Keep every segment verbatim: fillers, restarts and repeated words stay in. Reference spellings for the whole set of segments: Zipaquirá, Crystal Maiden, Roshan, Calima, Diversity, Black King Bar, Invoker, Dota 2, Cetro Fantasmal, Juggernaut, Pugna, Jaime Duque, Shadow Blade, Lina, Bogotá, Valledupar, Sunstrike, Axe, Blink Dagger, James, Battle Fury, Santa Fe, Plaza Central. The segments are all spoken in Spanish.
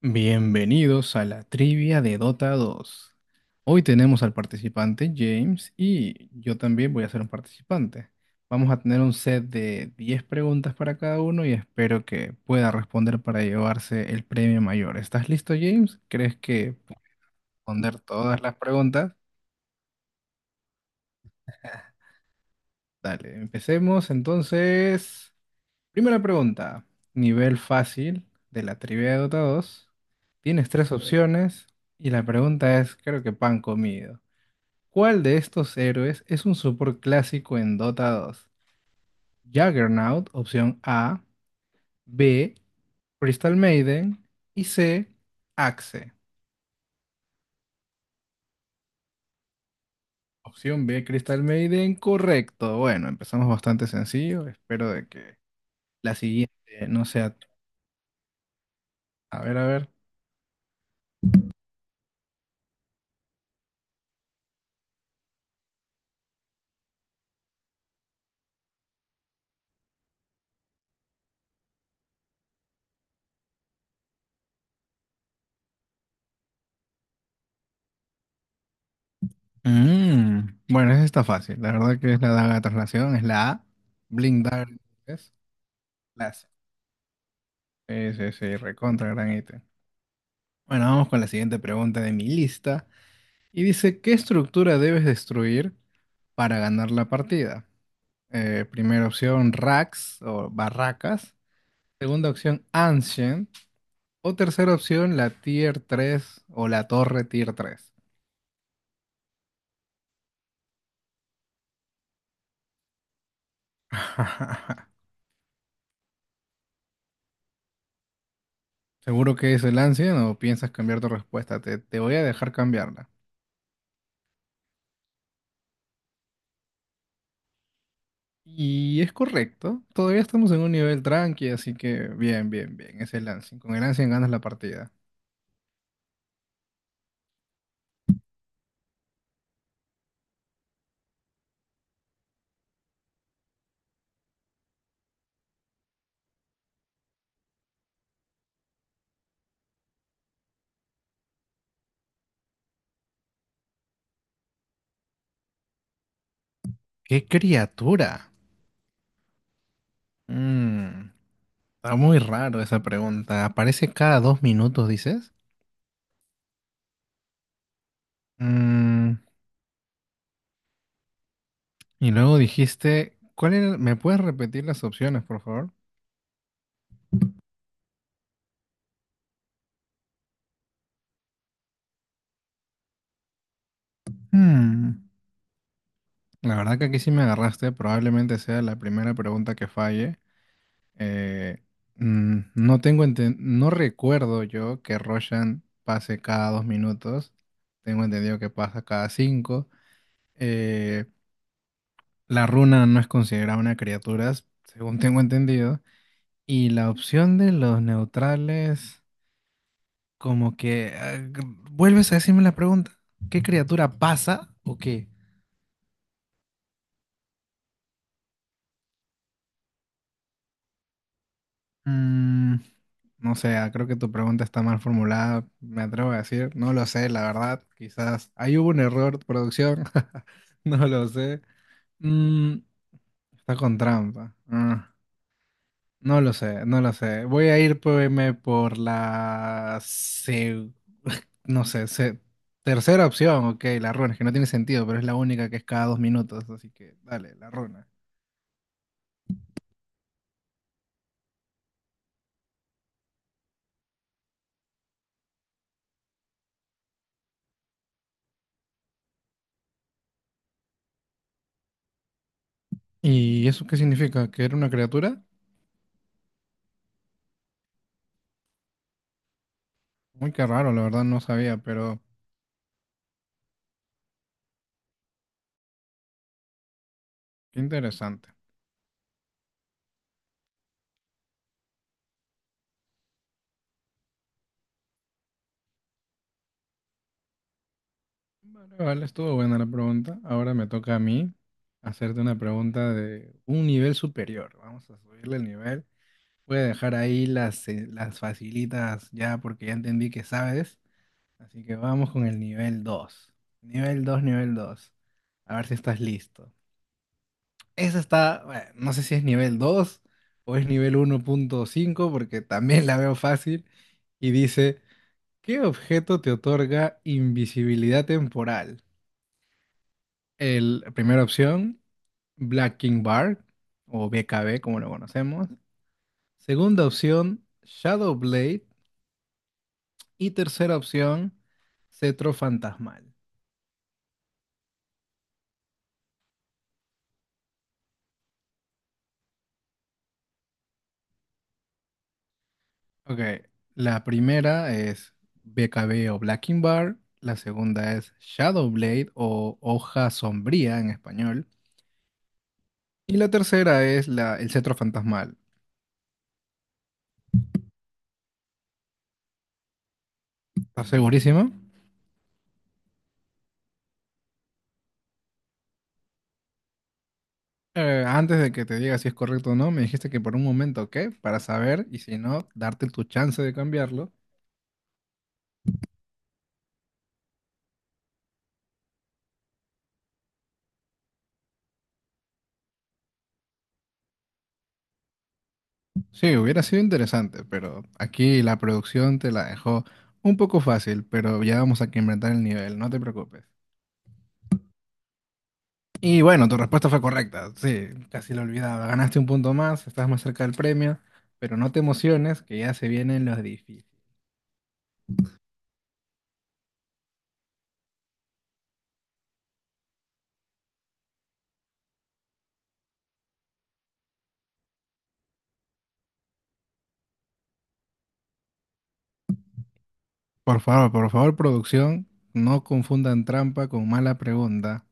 Bienvenidos a la trivia de Dota dos. Hoy tenemos al participante James y yo también voy a ser un participante. Vamos a tener un set de diez preguntas para cada uno y espero que pueda responder para llevarse el premio mayor. ¿Estás listo, James? ¿Crees que puedo responder todas las preguntas? Dale, empecemos entonces. Primera pregunta, nivel fácil de la trivia de Dota dos. Tienes tres opciones y la pregunta es, creo que pan comido. ¿Cuál de estos héroes es un support clásico en Dota dos? Juggernaut, opción A, B, Crystal Maiden y C, Axe. Opción B, Crystal Maiden, correcto. Bueno, empezamos bastante sencillo. Espero de que la siguiente no sea... A ver, a ver. Mm, Bueno, esa está fácil. La verdad que es la daga de traslación, es la A. Blink Dagger es la C. Sí, sí, sí, recontra gran ítem. Bueno, vamos con la siguiente pregunta de mi lista. Y dice, ¿qué estructura debes destruir para ganar la partida? Eh, primera opción, racks o barracas. Segunda opción, Ancient. O tercera opción, la Tier tres o la Torre Tier tres. ¿Seguro que es el Ancient o piensas cambiar tu respuesta? Te, te voy a dejar cambiarla. Y es correcto. Todavía estamos en un nivel tranqui, así que bien, bien, bien. Es el Ancient. Con el Ancient ganas la partida. ¡Qué criatura! Mm. Está muy raro esa pregunta. Aparece cada dos minutos, dices. Mm, y luego dijiste, ¿cuál era? ¿Me puedes repetir las opciones, por favor? Hmm, La verdad que aquí sí me agarraste. Probablemente sea la primera pregunta que falle. Eh, mm, no tengo enten- no recuerdo yo que Roshan pase cada dos minutos. Tengo entendido que pasa cada cinco. Eh, la runa no es considerada una criatura, según tengo entendido. Y la opción de los neutrales, como que... ah, g- vuelves a decirme la pregunta. ¿Qué criatura pasa o qué? Mm, no sé, ah, creo que tu pregunta está mal formulada, me atrevo a decir. No lo sé, la verdad. Quizás ahí hubo un error de producción. No lo sé. Mm, está con trampa. Ah. No lo sé, no lo sé. Voy a ir irme por la... seg- No sé, se- tercera opción, ok, la runa, es que no tiene sentido, pero es la única que es cada dos minutos, así que dale, la runa. ¿Y eso qué significa? ¿Que era una criatura? Muy qué raro, la verdad no sabía, pero qué interesante. Vale, vale, estuvo buena la pregunta. Ahora me toca a mí hacerte una pregunta de un nivel superior. Vamos a subirle el nivel. Voy a dejar ahí las, eh, las facilitas ya porque ya entendí que sabes. Así que vamos con el nivel dos. Nivel dos, nivel dos. A ver si estás listo. Esa está, bueno, no sé si es nivel dos o es nivel uno punto cinco porque también la veo fácil. Y dice, ¿qué objeto te otorga invisibilidad temporal? El, la primera opción, Black King Bar o B K B como lo conocemos. Segunda opción, Shadow Blade. Y tercera opción, Cetro Fantasmal. Ok, la primera es B K B o Blacking Bar, la segunda es Shadow Blade o Hoja Sombría en español, y la tercera es la, el Cetro Fantasmal. ¿Estás segurísimo? Eh, antes de que te diga si es correcto o no, me dijiste que por un momento, ¿qué? Para saber, y si no, darte tu chance de cambiarlo. Sí, hubiera sido interesante, pero aquí la producción te la dejó un poco fácil, pero ya vamos a que inventar el nivel, no te preocupes. Y bueno, tu respuesta fue correcta. Sí, casi lo olvidaba. Ganaste un punto más, estás más cerca del premio, pero no te emociones, que ya se vienen los difíciles. Por favor, por favor, producción, no confundan trampa con mala pregunta.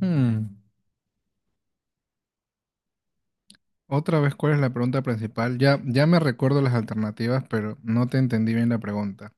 Hmm, Otra vez, ¿cuál es la pregunta principal? Ya, ya me recuerdo las alternativas, pero no te entendí bien la pregunta.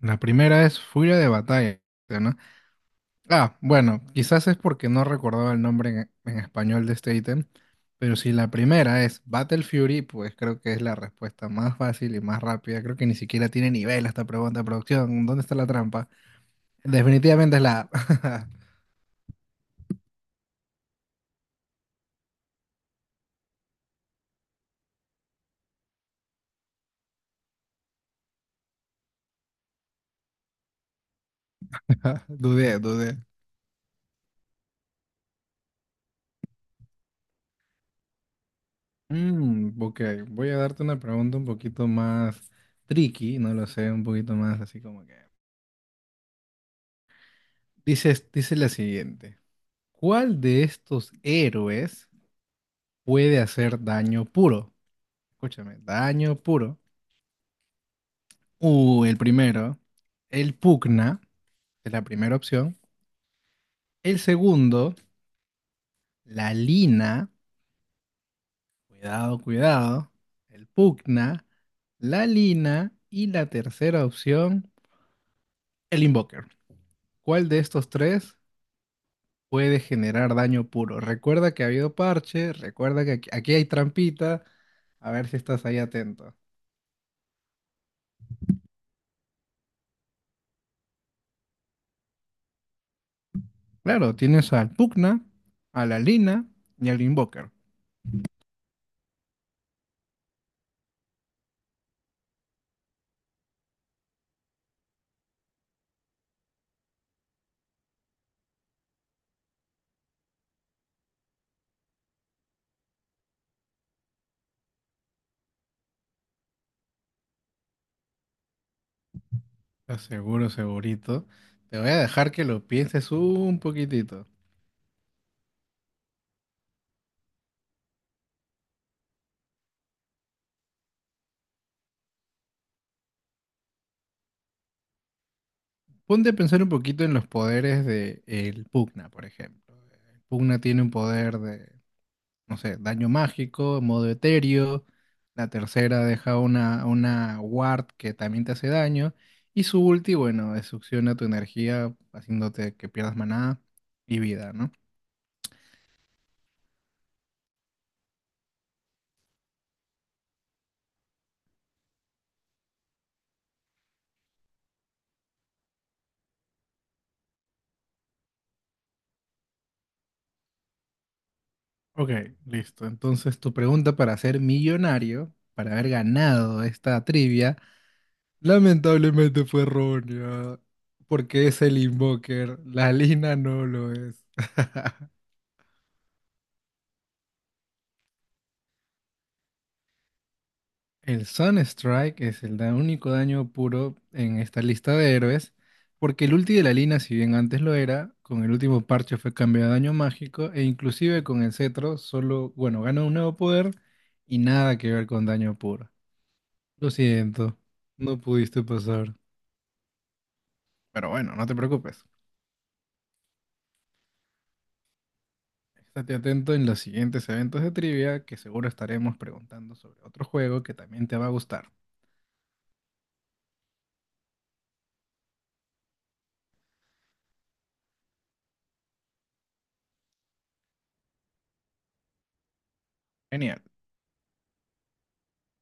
La primera es furia de batalla, ¿no? Ah, bueno, quizás es porque no recordaba el nombre en, en español de este ítem, pero si la primera es Battle Fury, pues creo que es la respuesta más fácil y más rápida. Creo que ni siquiera tiene nivel esta pregunta de producción. ¿Dónde está la trampa? Definitivamente es la... A. Dudé, dudé. Mm, ok, voy a darte una pregunta un poquito más tricky, no lo sé, un poquito más así como que... Dices, dice la siguiente. ¿Cuál de estos héroes puede hacer daño puro? Escúchame, daño puro. Uh, el primero, el pugna, es la primera opción. El segundo, la lina. Cuidado, cuidado. El pugna, la lina. Y la tercera opción, el invoker. ¿Cuál de estos tres puede generar daño puro? Recuerda que ha habido parche, recuerda que aquí aquí hay trampita. A ver si estás ahí atento. Claro, tienes al pugna, a la lina y al invoker. Estás seguro, segurito. Te voy a dejar que lo pienses un poquitito. Ponte a pensar un poquito en los poderes de el Pugna, por ejemplo. El Pugna tiene un poder de, no sé, daño mágico, modo etéreo. La tercera deja una, una ward que también te hace daño. Y su ulti, bueno, succiona tu energía, haciéndote que pierdas maná y vida, ¿no? Ok, listo. Entonces, tu pregunta para ser millonario, para haber ganado esta trivia. Lamentablemente fue errónea, porque es el Invoker, la Lina no lo es. El Sunstrike es el da- único daño puro en esta lista de héroes, porque el ulti de la Lina, si bien antes lo era, con el último parche fue cambiado a daño mágico e inclusive con el cetro solo, bueno, gana un nuevo poder y nada que ver con daño puro. Lo siento, no pudiste pasar. Pero bueno, no te preocupes. Estate atento en los siguientes eventos de trivia que seguro estaremos preguntando sobre otro juego que también te va a gustar. Genial.